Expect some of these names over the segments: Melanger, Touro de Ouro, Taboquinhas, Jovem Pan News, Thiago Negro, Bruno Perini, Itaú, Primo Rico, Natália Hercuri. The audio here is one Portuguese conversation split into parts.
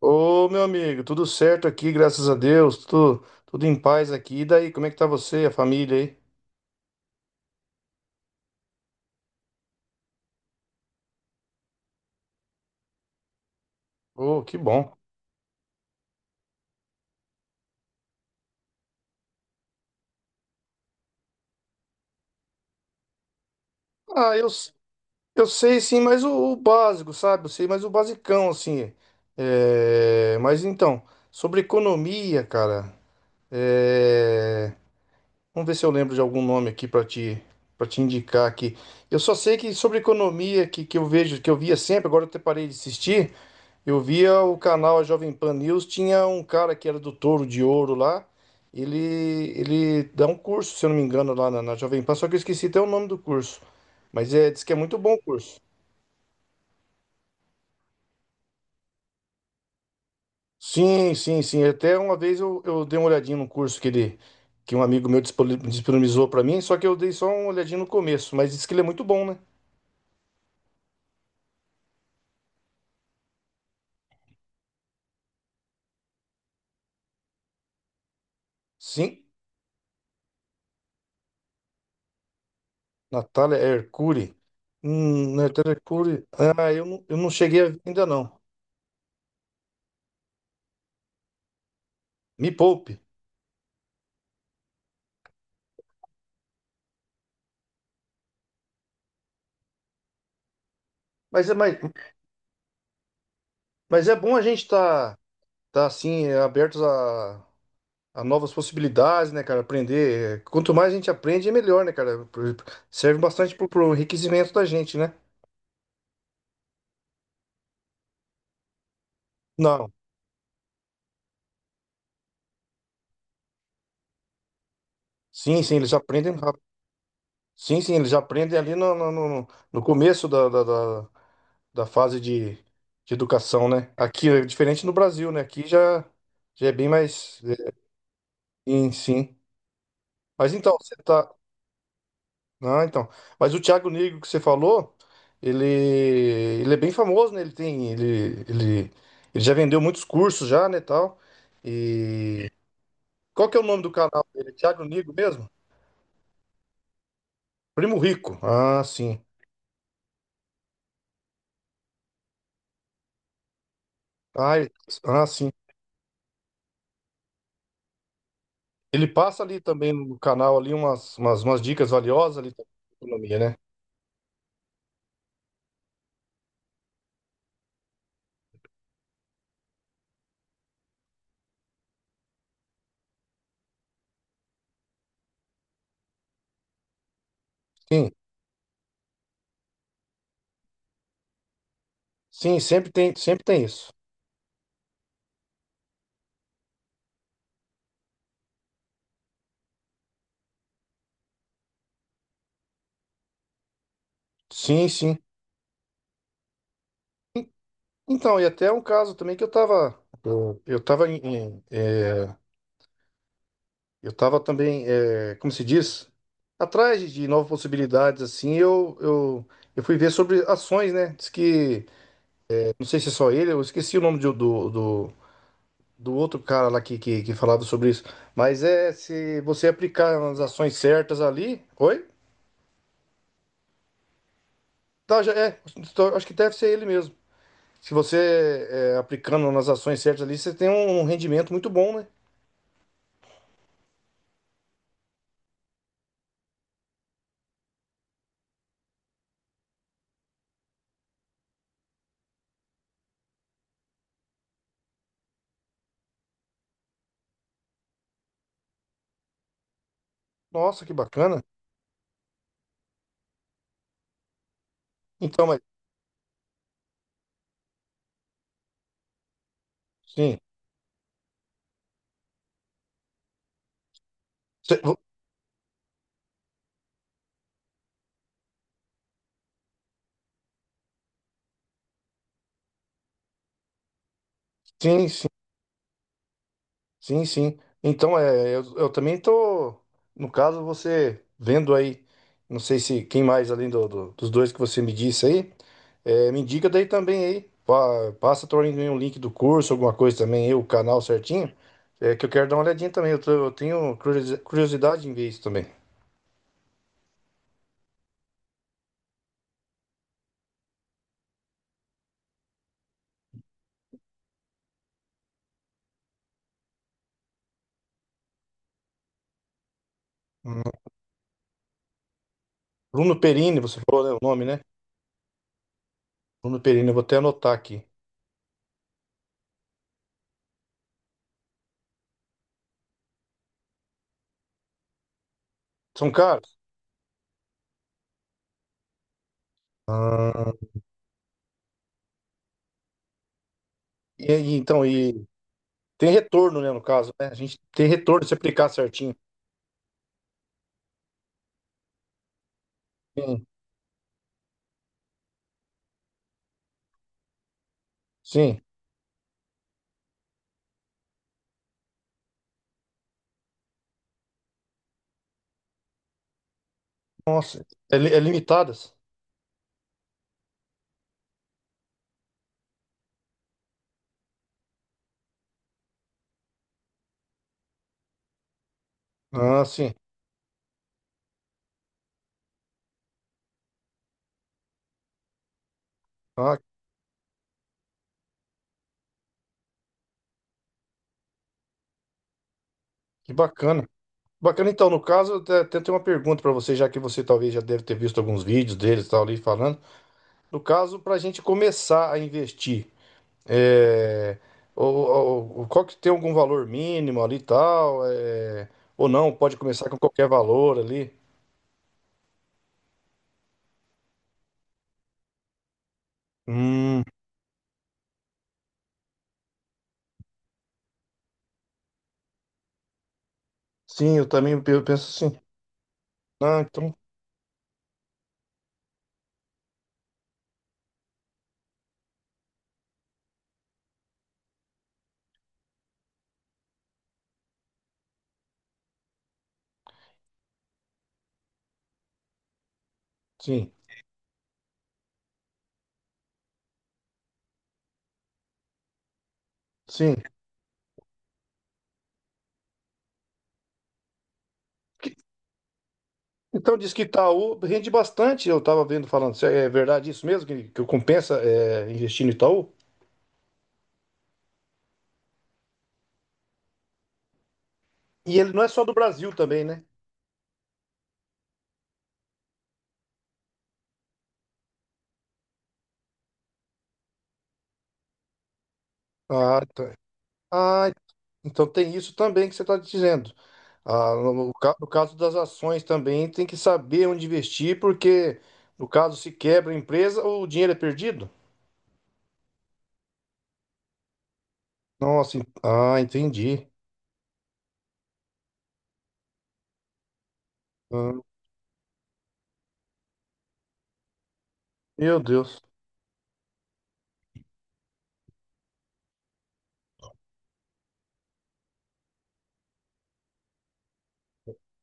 Ô, meu amigo, tudo certo aqui, graças a Deus, tudo em paz aqui. E daí, como é que tá você, a família aí? Ô, que bom. Ah, eu, s- eu sei sim, mas o básico, sabe? Eu sei mais o basicão, assim. É, mas então, sobre economia, cara, é, vamos ver se eu lembro de algum nome aqui para te indicar aqui. Eu só sei que sobre economia, que eu vejo, que eu via sempre, agora eu até parei de assistir. Eu via o canal Jovem Pan News, tinha um cara que era do Touro de Ouro lá. Ele, ele dá um curso, se eu não me engano, lá na Jovem Pan, só que eu esqueci até o nome do curso. Mas é, diz que é muito bom o curso. Sim, sim, sim. Até uma vez eu dei uma olhadinha no curso que um amigo meu disponibilizou para mim, só que eu dei só uma olhadinha no começo, mas diz que ele é muito bom, né? Sim, Natália Hercuri. Natália Hercuri. Ah, eu não cheguei ainda não. Me poupe. Mas, é- mas, Mas é bom a gente estar assim, abertos a novas possibilidades, né, cara? Aprender. Quanto mais a gente aprende, é melhor, né, cara? Serve bastante pro enriquecimento da gente, né? Não. Sim, sim, eles aprendem rápido. Sim, sim, eles aprendem ali no começo da fase de educação, né? Aqui é diferente no Brasil, né? Aqui já, já é bem mais. Sim, sim. Mas então, você tá. Ah, então. Mas o Thiago Negro que você falou, ele é bem famoso, né? Ele tem, ele já vendeu muitos cursos já, né, tal. E qual que é o nome do canal dele? Thiago Negro mesmo? Primo Rico. Ah, sim. Ah, ele- ah, sim. Ele passa ali também no canal ali umas dicas valiosas ali também de economia, né? Sim. Sim, sempre tem isso. Sim, sim. Então, e até um caso também que eu tava em, eu estava também, como se diz, atrás de novas possibilidades, assim, eu fui ver sobre ações, né? Diz que, não sei se é só ele, eu esqueci o nome do do outro cara lá que falava sobre isso, mas é se você aplicar as ações certas ali, oi? Acho que deve ser ele mesmo. Se você, aplicando nas ações certas ali, você tem um rendimento muito bom, né? Nossa, que bacana. Então, mas, sim, Cê- vo- sim, sim. Sim, sim. Então, é, eu também tô, no caso, você vendo aí, não sei se quem mais além dos dois que você me disse aí, me indica daí também aí, passa também um link do curso, alguma coisa também, aí, o canal certinho, é, que eu quero dar uma olhadinha também, eu tenho curiosidade em ver isso também. Bruno Perini, você falou, né, o nome, né? Bruno Perini, eu vou até anotar aqui. São caros? Ah, e aí, então, e tem retorno, né, no caso, né? A gente tem retorno se aplicar certinho. Sim, sim. Nossa, é, é limitadas? Ah, sim. Ah, que bacana. Bacana, então, no caso, até, até tenho uma pergunta para você, já que você talvez já deve ter visto alguns vídeos deles e tal ali falando. No caso, para a gente começar a investir, é, ou, qual que tem algum valor mínimo ali e tal, é, ou não, pode começar com qualquer valor ali. Hum, sim, eu também penso assim. Ah, então, sim, sim. Então diz que Itaú rende bastante, eu estava vendo falando, se é é verdade isso mesmo, que compensa é, investir no Itaú? E ele não é só do Brasil também, né? Ah, tá. Ah, então tem isso também que você está dizendo. Ah, no caso das ações também tem que saber onde investir, porque no caso se quebra a empresa, o dinheiro é perdido. Nossa, entendi. Ah, meu Deus.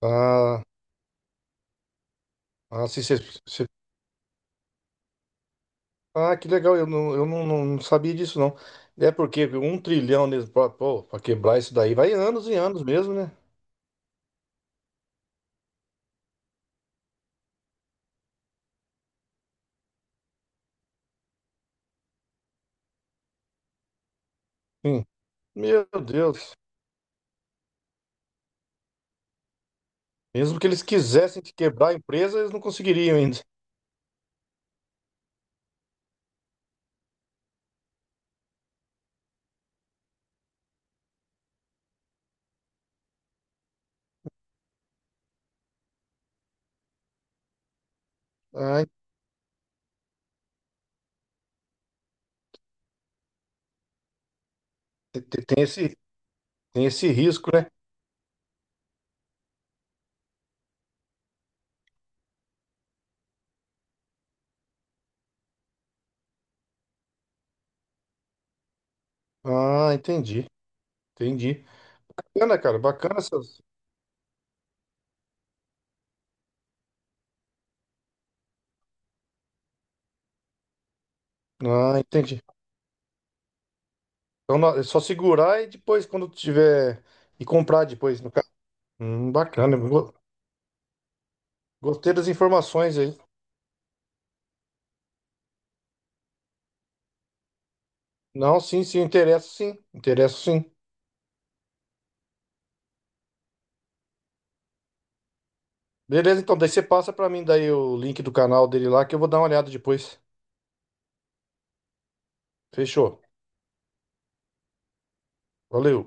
Ah, ah, se você Ah, que legal, eu não, não sabia disso, não. É porque um trilhão mesmo, pô, para quebrar isso daí, vai anos e anos mesmo, né? Sim. Meu Deus. Mesmo que eles quisessem te quebrar a empresa, eles não conseguiriam ainda. Ah, te- te- tem esse, tem esse risco, né? Ah, entendi, entendi. Bacana, cara, bacana essas... Ah, entendi. Então é só segurar e depois, quando tiver... E comprar depois, no caso. Bacana, gostei das informações aí. Não, sim, sim, interessa sim, interessa sim. Beleza, então, daí você passa pra mim daí o link do canal dele lá que eu vou dar uma olhada depois. Fechou. Valeu.